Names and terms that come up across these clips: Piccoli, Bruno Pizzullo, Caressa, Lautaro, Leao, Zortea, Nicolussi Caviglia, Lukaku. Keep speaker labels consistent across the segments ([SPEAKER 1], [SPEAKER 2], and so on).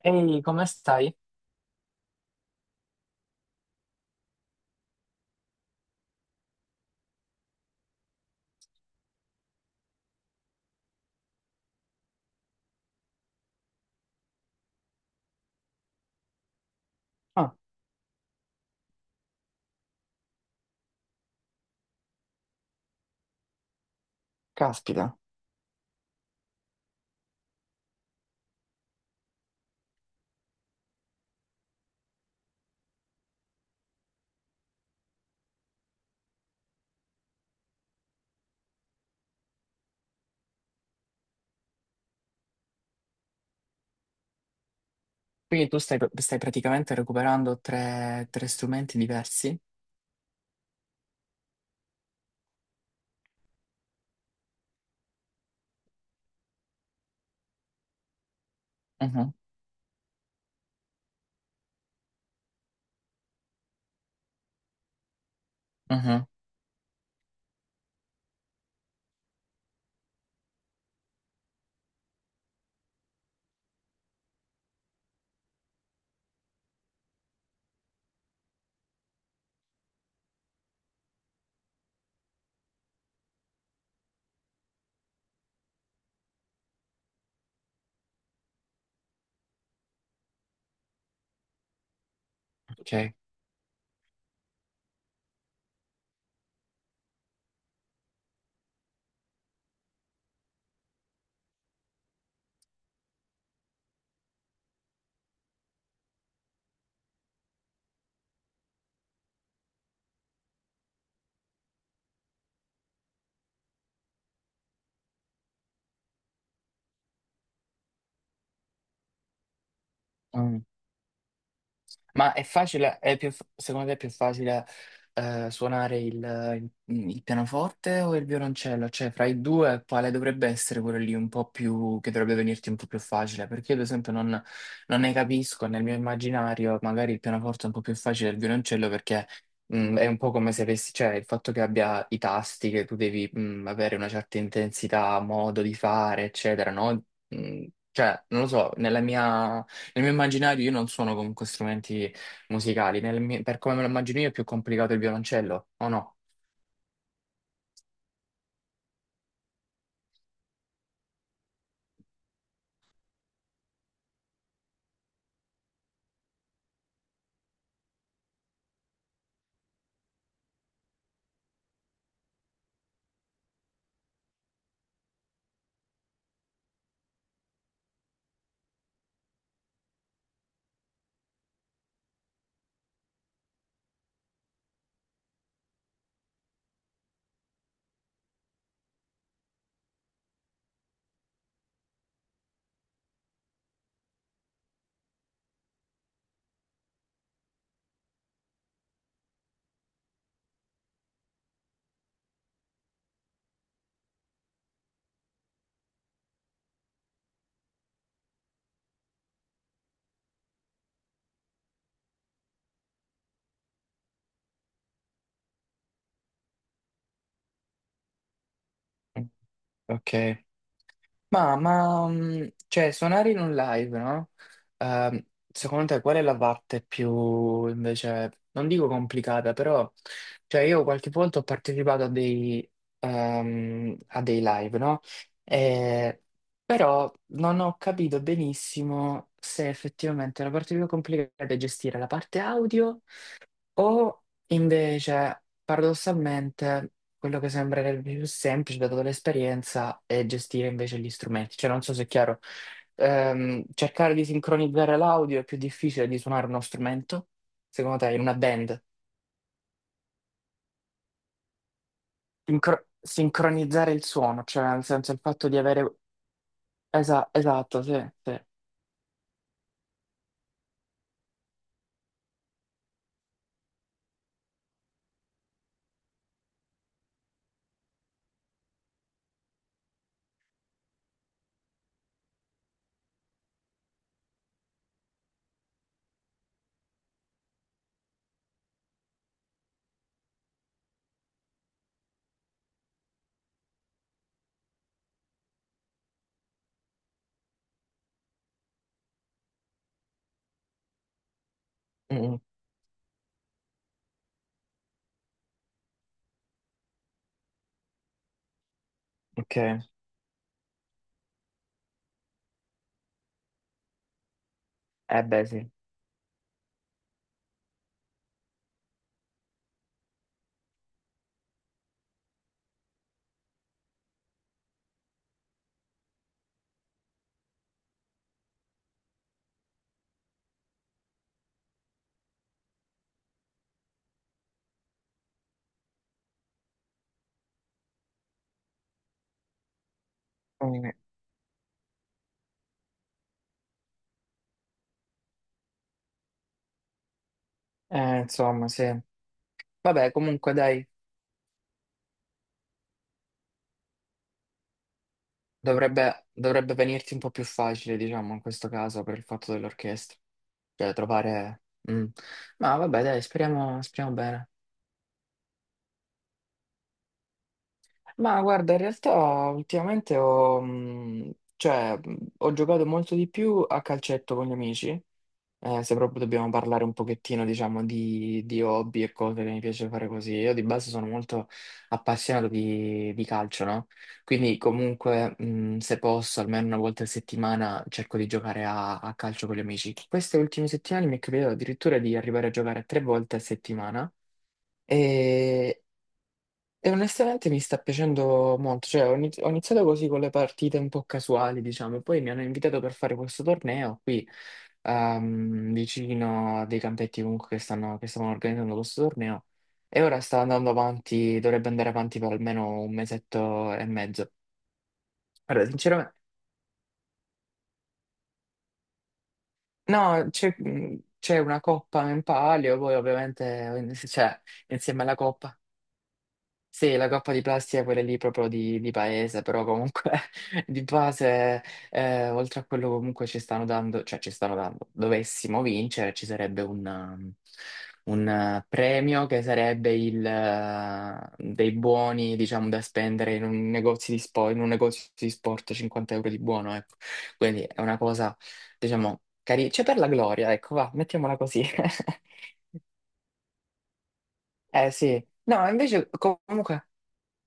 [SPEAKER 1] Ehi, come stai? Ah, caspita. Quindi tu stai praticamente recuperando tre strumenti diversi? Mhm, mhm, ok. Mm. Ma è facile, è più, secondo te è più facile suonare il pianoforte o il violoncello? Cioè, fra i due, quale dovrebbe essere quello lì un po' più, che dovrebbe venirti un po' più facile? Perché io, ad esempio, non ne capisco, nel mio immaginario magari il pianoforte è un po' più facile del violoncello perché è un po' come se avessi, cioè, il fatto che abbia i tasti, che tu devi avere una certa intensità, modo di fare, eccetera, no? Cioè, non lo so, nel mio immaginario io non suono comunque strumenti musicali. Per come me lo immagino io è più complicato il violoncello, o no? Ok. Cioè, suonare in un live, no? Ehm, secondo te qual è la parte più, invece, non dico complicata, però, cioè, io qualche volta ho partecipato a a dei live, no? E- però non ho capito benissimo se effettivamente la parte più complicata è gestire la parte audio, o invece, paradossalmente, quello che sembrerebbe più semplice, dato l'esperienza, è gestire invece gli strumenti. Cioè, non so se è chiaro. Cercare di sincronizzare l'audio è più difficile di suonare uno strumento, secondo te, in una band? Sincronizzare il suono, cioè nel senso il fatto di avere. Esatto, sì, sì. Mm, ok. Eh beh, sì. Mm, insomma, sì. Vabbè, comunque dai. Dovrebbe venirti un po' più facile, diciamo, in questo caso, per il fatto dell'orchestra. Cioè, trovare. Mm. Ma vabbè, dai, speriamo, speriamo bene. Ma guarda, in realtà ultimamente cioè, ho giocato molto di più a calcetto con gli amici. Se proprio dobbiamo parlare un pochettino, diciamo, di hobby e cose che mi piace fare così, io di base sono molto appassionato di calcio, no? Quindi comunque, se posso, almeno una volta a settimana cerco di giocare a calcio con gli amici. Queste ultime settimane mi è capitato addirittura di arrivare a giocare tre volte a settimana. E, e onestamente mi sta piacendo molto, cioè ho iniziato così con le partite un po' casuali, diciamo, poi mi hanno invitato per fare questo torneo qui, vicino a dei campetti comunque che stavano organizzando questo torneo, e ora sta andando avanti, dovrebbe andare avanti per almeno un mesetto e mezzo. Allora, sinceramente, no, c'è una coppa in palio, poi ovviamente, cioè, insieme alla coppa. Sì, la coppa di plastica, quella lì proprio di paese, però comunque di base, oltre a quello comunque ci stanno dando, cioè ci stanno dando, dovessimo vincere, ci sarebbe un, premio, che sarebbe dei buoni, diciamo, da spendere in un negozio di sport, in un negozio di sport, 50 euro di buono, ecco. Quindi è una cosa, diciamo, carina, c'è per la gloria, ecco, va, mettiamola così. Eh sì, no, invece comunque.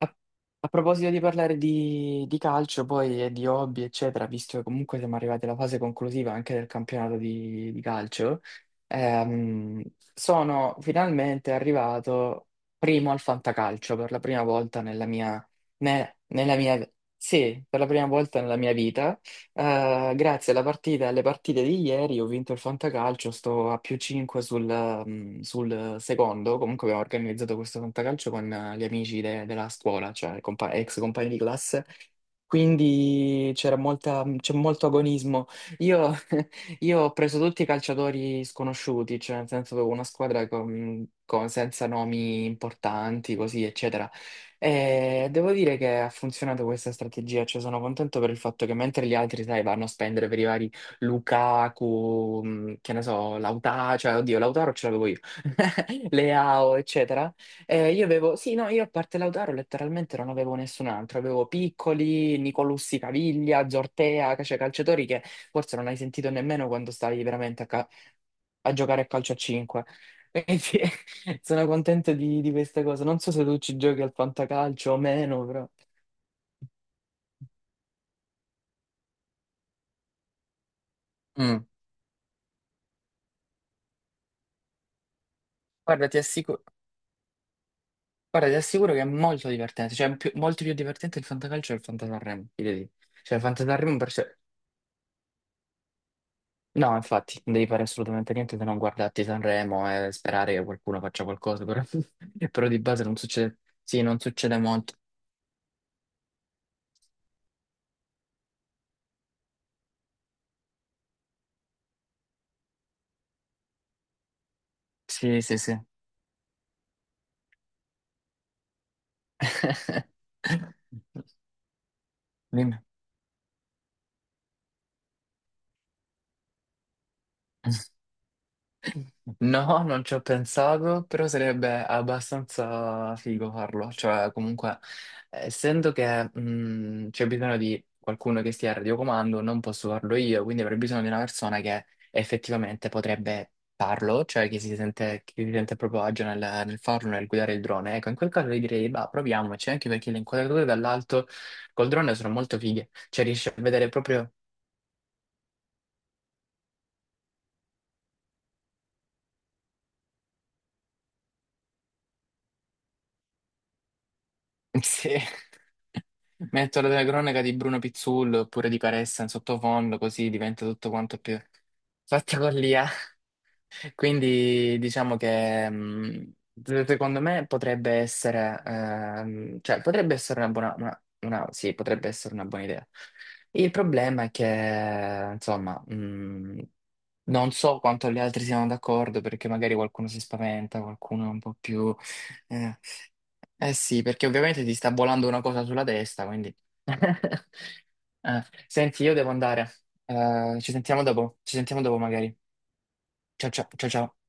[SPEAKER 1] A, a proposito di parlare di calcio, poi e di hobby, eccetera, visto che comunque siamo arrivati alla fase conclusiva anche del campionato di calcio, ehm, sono finalmente arrivato primo al fantacalcio per la prima volta nella mia, sì, per la prima volta nella mia vita. Grazie alla partita, alle partite di ieri ho vinto il Fantacalcio, sto a più 5 sul secondo. Comunque abbiamo organizzato questo Fantacalcio con gli amici della scuola, cioè ex compagni di classe. Quindi c'era molta, c'è molto agonismo. Io, io ho preso tutti i calciatori sconosciuti, cioè nel senso avevo una squadra senza nomi importanti, così, eccetera. E devo dire che ha funzionato questa strategia, cioè sono contento per il fatto che mentre gli altri, sai, vanno a spendere per i vari Lukaku, che ne so, Lautaro, cioè oddio, Lautaro ce l'avevo io, Leao, eccetera. Io avevo, sì, no, io a parte Lautaro letteralmente non avevo nessun altro, avevo Piccoli, Nicolussi Caviglia, Zortea, cioè calciatori che forse non hai sentito nemmeno quando stavi veramente a giocare a calcio a 5. Quindi sono contento di questa cosa. Non so se tu ci giochi al fantacalcio o meno, però. Mm. Guarda, ti assicuro, guarda, ti assicuro che è molto divertente, cioè è molto più divertente il fantacalcio del fantasarremo, ti devo dire. Cioè, il fantasarremo per sé. No, infatti, non devi fare assolutamente niente se non guardarti Sanremo e sperare che qualcuno faccia qualcosa, però, però di base non succede. Sì, non succede molto. Sì, sì, sì. Dimmi. No, non ci ho pensato, però sarebbe abbastanza figo farlo. Cioè, comunque, essendo che c'è bisogno di qualcuno che stia al radiocomando, non posso farlo io, quindi avrei bisogno di una persona che effettivamente potrebbe farlo, cioè che si sente a proprio agio nel farlo, nel guidare il drone. Ecco, in quel caso io direi, bah, proviamoci, anche perché le inquadrature dall'alto col drone sono molto fighe, cioè riesci a vedere proprio. Sì. Metto la cronaca di Bruno Pizzullo oppure di Caressa in sottofondo, così diventa tutto quanto più fatta con l'IA. Quindi diciamo che secondo me potrebbe essere, cioè, potrebbe essere una buona, sì, potrebbe essere una buona idea. Il problema è che, insomma, non so quanto gli altri siano d'accordo perché magari qualcuno si spaventa, qualcuno è un po' più. Eh, eh sì, perché ovviamente ti sta volando una cosa sulla testa, quindi. Senti, io devo andare. Ci sentiamo dopo, ci sentiamo dopo magari. Ciao ciao, ciao ciao.